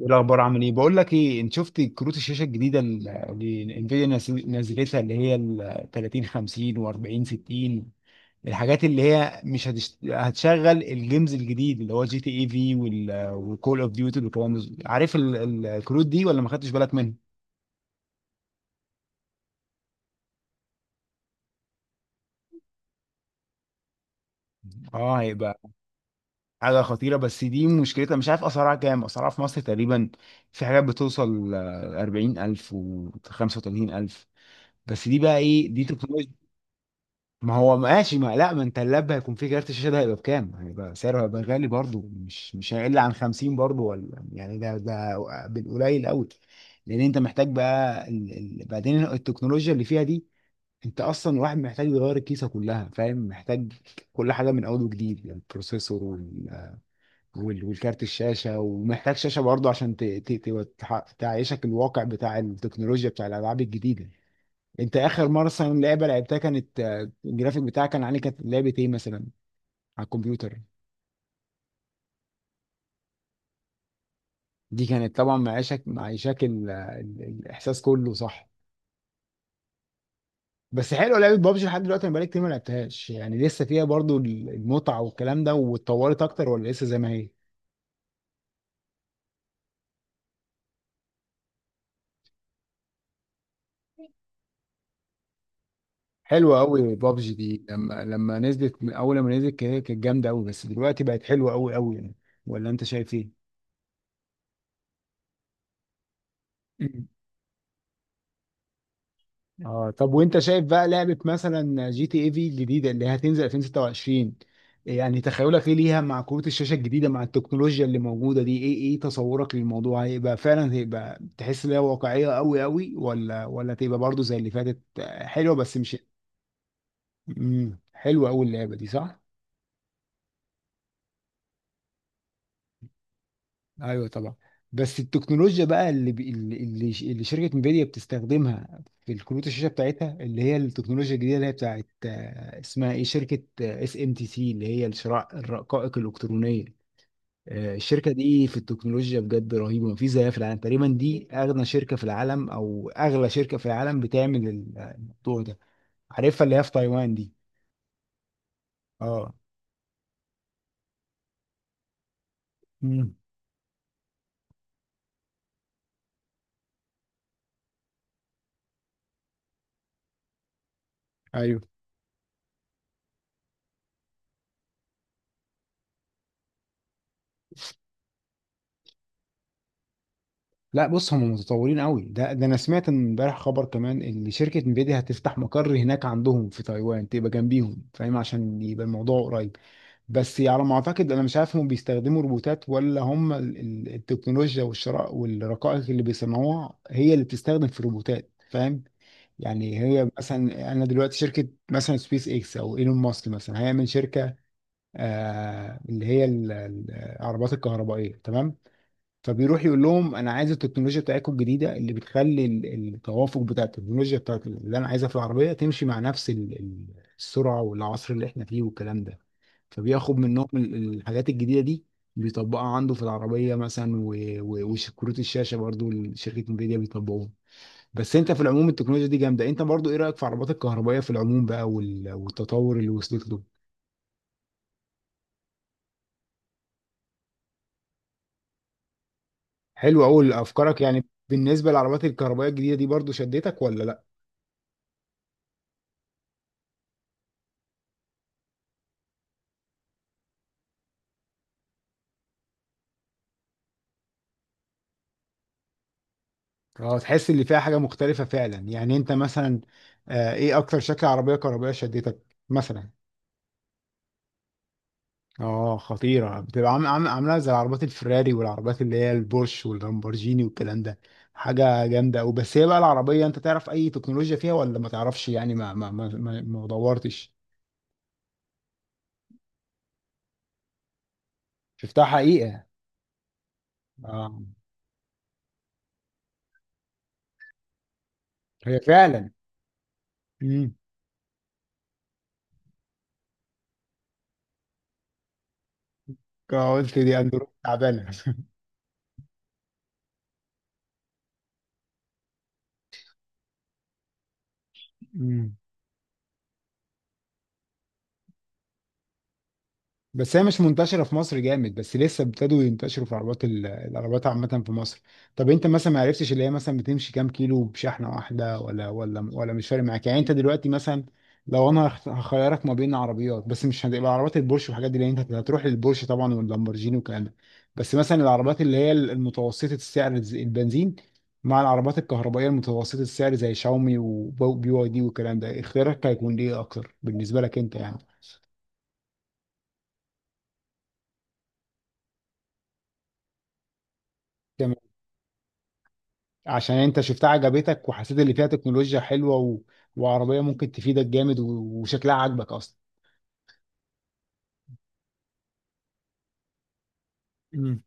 ايه الاخبار؟ عامل ايه؟ بقول لك ايه، انت شفت كروت الشاشه الجديده اللي انفيديا نزلتها اللي هي ال 30 50 و40 60؟ الحاجات اللي هي مش هتشت... هتشغل الجيمز الجديد اللي هو جي تي اي في والكول اوف ديوتي والكلام ده. عارف الكروت دي ولا ما خدتش بالك منها؟ اه هيبقى حاجه خطيره، بس دي مشكلتها مش عارف اسعارها كام. اسعارها في مصر تقريبا في حاجات بتوصل 40,000 و 35,000. بس دي بقى ايه؟ دي تكنولوجيا. ما هو ماشي، ما لا، ما انت اللاب هيكون فيه كارت الشاشه، ده هيبقى بكام؟ هيبقى سعره هيبقى غالي برضه، مش هيقل عن 50 برضه ولا؟ يعني ده بالقليل قوي. لان انت محتاج بقى بعدين التكنولوجيا اللي فيها دي. انت اصلا الواحد محتاج يغير الكيسه كلها، فاهم؟ محتاج كل حاجه من اول وجديد، يعني البروسيسور والكارت الشاشه، ومحتاج شاشه برضه عشان تعيشك الواقع بتاع التكنولوجيا بتاع الالعاب الجديده. انت اخر مره مثلا لعبه لعبتها كانت الجرافيك بتاعها كان عليه، كانت لعبه ايه مثلا؟ على الكمبيوتر. دي كانت طبعا معيشك، معيشك الاحساس كله، صح؟ بس حلوه لعبه بابجي. لحد دلوقتي انا بقالي كتير ما لعبتهاش، يعني لسه فيها برضو المتعه والكلام ده؟ واتطورت اكتر ولا لسه زي ما هي؟ حلوه قوي بابجي دي. لما لما نزلت اول لما نزلت كده كانت جامده قوي، بس دلوقتي بقت حلوه قوي يعني. ولا انت شايف ايه؟ اه. طب وانت شايف بقى لعبة مثلا جي تي اي في الجديدة اللي هتنزل 2026؟ يعني تخيلك ايه ليها مع كروت الشاشة الجديدة مع التكنولوجيا اللي موجودة دي؟ ايه تصورك للموضوع؟ هيبقى فعلا هيبقى تحس ان هي واقعية قوي ولا تبقى برضو زي اللي فاتت حلوة بس مش؟ مم. حلوة قوي اللعبة دي صح؟ ايوه طبعا. بس التكنولوجيا بقى اللي بي- اللي اللي ش- اللي شركه انفيديا بتستخدمها في الكروت الشاشه بتاعتها، اللي هي التكنولوجيا الجديده اللي هي بتاعت اسمها ايه، شركه اس ام تي سي اللي هي الشراء الرقائق الالكترونيه. الشركه دي في التكنولوجيا بجد رهيبه، مفيش زيها في العالم تقريبا. دي اغنى شركه في العالم او اغلى شركه في العالم بتعمل الموضوع ده. عارفها اللي هي في تايوان دي؟ اه. امم. ايوه. لا بص، هم متطورين قوي. ده انا سمعت إن امبارح خبر كمان ان شركه انفيديا هتفتح مقر هناك عندهم في تايوان تبقى جنبيهم، فاهم؟ عشان يبقى الموضوع قريب. بس على ما اعتقد انا مش عارف هم بيستخدموا روبوتات ولا هم التكنولوجيا والشراء والرقائق اللي بيصنعوها هي اللي بتستخدم في الروبوتات، فاهم؟ يعني هي مثلا انا دلوقتي شركه مثلا سبيس اكس او ايلون ماسك مثلا هيعمل شركه اللي هي العربات الكهربائيه، تمام؟ فبيروح يقول لهم انا عايز التكنولوجيا بتاعتكم الجديده اللي بتخلي التوافق بتاع التكنولوجيا بتاعت اللي انا عايزها في العربيه تمشي مع نفس السرعه والعصر اللي احنا فيه والكلام ده. فبياخد منهم الحاجات الجديده دي، بيطبقها عنده في العربيه مثلا وكروت الشاشه برضو شركه انفيديا بيطبقوها. بس انت في العموم التكنولوجيا دي جامده. انت برضو ايه رايك في العربات الكهربائيه في العموم بقى والتطور اللي وصلت له؟ حلو قوي افكارك. يعني بالنسبه للعربات الكهربائيه الجديده دي برضو شدتك ولا لا؟ اه تحس اللي فيها حاجة مختلفة فعلا يعني. انت مثلا آه، ايه اكتر شكل عربية كهربائية شدتك مثلا؟ اه خطيرة بتبقى عاملة زي العربيات الفراري والعربيات اللي هي البورش واللامبورجيني والكلام ده. حاجة جامدة أوي. بس هي بقى العربية انت تعرف اي تكنولوجيا فيها ولا ما تعرفش يعني؟ ما دورتش. شفتها حقيقة؟ اه هي فعلا. امم. قلت دي اندرويد تعبانة. امم. بس هي مش منتشرة في مصر جامد، بس لسه ابتدوا ينتشروا في عربات العربات عامة في مصر. طب انت مثلا ما عرفتش اللي هي مثلا بتمشي كام كيلو بشحنة واحدة ولا مش فارق معاك يعني؟ انت دلوقتي مثلا لو انا هخيرك ما بين عربيات، بس مش هتبقى عربات البورش والحاجات دي لان انت هتروح للبورش طبعا واللامبورجيني والكلام ده، بس مثلا العربات اللي هي المتوسطة السعر البنزين مع العربات الكهربائية المتوسطة السعر زي شاومي وبي واي دي والكلام ده، اختيارك هيكون ايه اكتر بالنسبة لك انت يعني؟ عشان انت شفتها عجبتك وحسيت اللي فيها تكنولوجيا حلوة وعربية ممكن تفيدك جامد وشكلها عاجبك اصلا. مم.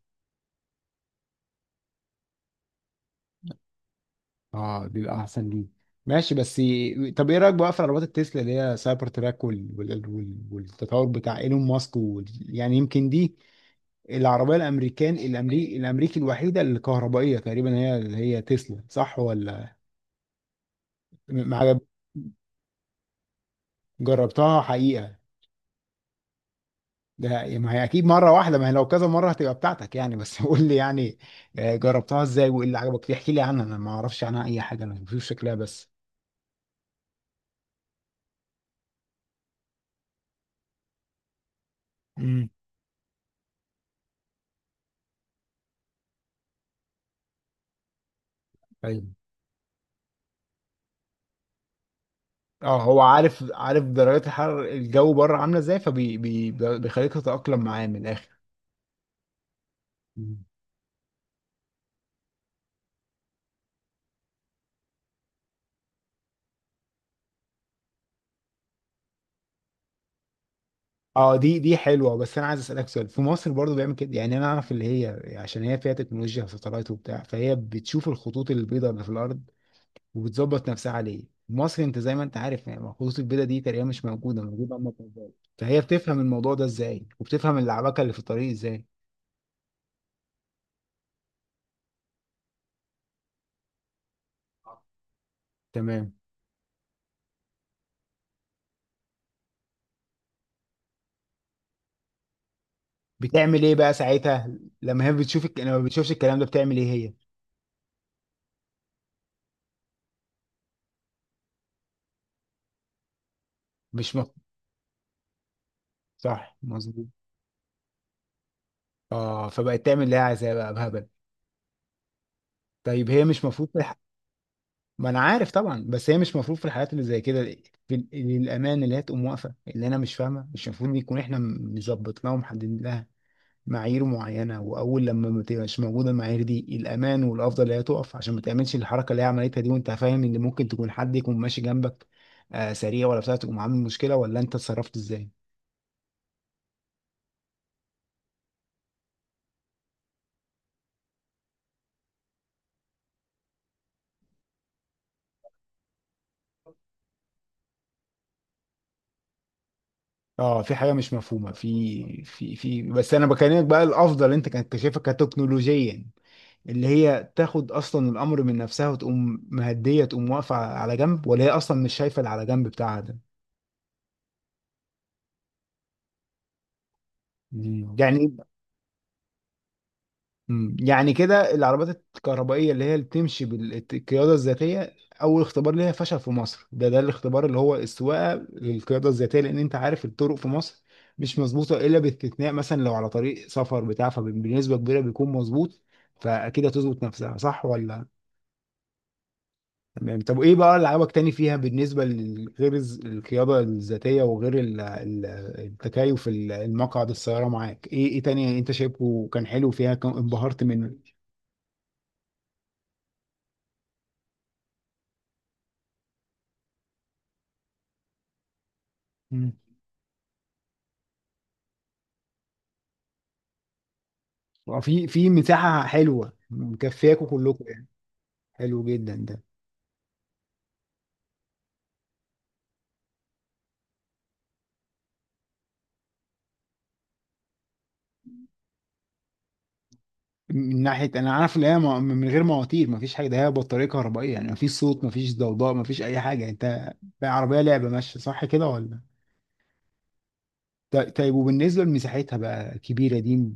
اه بيبقى احسن ليه. ماشي، بس طب ايه رايك بقى في عربيات التسلا اللي هي سايبر تراك والتطور بتاع ايلون ماسك يعني يمكن دي العربيه، الامريكان الامريكي الامريكي الوحيده الكهربائيه تقريبا هي هي تسلا صح ولا؟ م- ما عجب- جربتها حقيقه؟ ده يعني ما هي اكيد مره واحده. ما هي لو كذا مره هتبقى بتاعتك يعني. بس قول لي يعني. جربتها ازاي وايه اللي عجبك فيها؟ احكي لي عنها، انا ما اعرفش عنها اي حاجه، انا بشوف شكلها بس. امم. طيب. اه هو عارف، عارف درجات الحرارة الجو بره عامله ازاي، فبي بي بيخليك تتاقلم معاه من الاخر. مم. اه دي حلوه. بس انا عايز اسالك سؤال، في مصر برضو بيعمل كده؟ يعني انا اعرف اللي هي عشان هي فيها تكنولوجيا وساتلايت وبتاع، فهي بتشوف الخطوط البيضاء اللي في الارض وبتظبط نفسها عليه. مصر انت زي ما انت عارف يعني خطوط البيضاء دي تقريبا مش موجوده، موجوده اما موبايل. فهي بتفهم الموضوع ده ازاي وبتفهم اللعبكه اللي في الطريق ازاي؟ تمام. بتعمل ايه بقى ساعتها لما هي بتشوفش الكلام ده؟ بتعمل ايه هي؟ مش مف... صح، مظبوط. اه فبقت تعمل اللي هي عايزاه بقى بهبل. طيب هي مش مفروض ما انا عارف طبعا، بس هي مش مفروض في الحالات اللي زي كده في الامان اللي هي تقوم واقفه؟ اللي انا مش فاهمه، مش المفروض يكون احنا مظبطناها ومحددين لها معايير معينه، واول لما ما تبقاش موجوده المعايير دي الامان والافضل اللي هي تقف عشان ما تعملش الحركه اللي هي عملتها دي، وانت فاهم ان ممكن تكون حد يكون ماشي جنبك آه سريع ولا بتاع، تقوم عامل مشكله. ولا انت اتصرفت ازاي؟ اه، في حاجه مش مفهومه في في في بس انا بكلمك بقى، الافضل انت كنت شايفها كتكنولوجيا اللي هي تاخد اصلا الامر من نفسها وتقوم مهديه، تقوم واقفه على جنب، ولا هي اصلا مش شايفه اللي على جنب بتاعها ده؟ مم. يعني. مم. يعني كده العربيات الكهربائية اللي هي اللي بتمشي بالقيادة الذاتية أول اختبار ليها فشل في مصر. ده الاختبار اللي هو السواقة للقيادة الذاتية، لأن أنت عارف الطرق في مصر مش مظبوطة إلا باستثناء مثلا لو على طريق سفر بتاع، فبنسبة كبيرة بيكون مظبوط. فأكيد هتظبط نفسها، صح ولا؟ تمام. طب إيه بقى اللي عجبك تاني فيها بالنسبة لغير القيادة الذاتية وغير التكيف المقعد السيارة معاك؟ إيه تاني أنت شايفه كان حلو فيها كان انبهرت منه؟ آه، في مساحة حلوة مكفياكوا كلكم يعني. حلو جدا ده. من ناحية أنا عارف إن هي من غير مواتير مفيش حاجة، ده هي بطارية كهربائية يعني مفيش صوت مفيش ضوضاء مفيش أي حاجة. أنت بقى عربية لعبة ماشية، صح كده ولا؟ طيب، وبالنسبة لمساحتها بقى كبيرة دي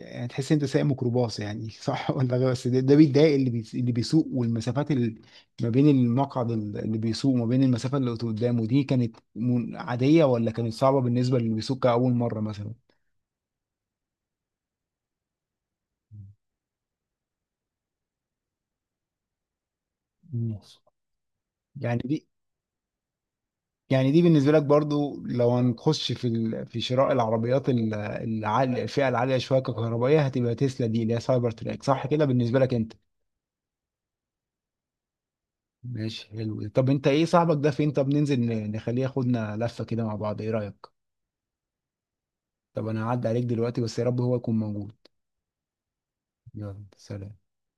يعني تحس أنت سايق ميكروباص يعني، صح؟ ولا غير، بس ده بيتضايق اللي بيسوق؟ والمسافات اللي ما بين المقعد اللي بيسوق وما بين المسافة اللي قدامه دي كانت عادية ولا كانت صعبة بالنسبة للي بيسوق كأول مرة مثلا؟ ماشي. يعني دي يعني دي بالنسبة لك برضو لو هنخش في في شراء العربيات العالية، الفئة العالية شوية ككهربائية، هتبقى تسلا دي اللي هي سايبر تراك، صح كده بالنسبة لك انت؟ ماشي حلو ده. طب انت ايه، صاحبك ده فين؟ طب ننزل نخليه ياخدنا لفة كده مع بعض، ايه رأيك؟ طب انا هعدي عليك دلوقتي، بس يا رب هو يكون موجود. يلا سلام.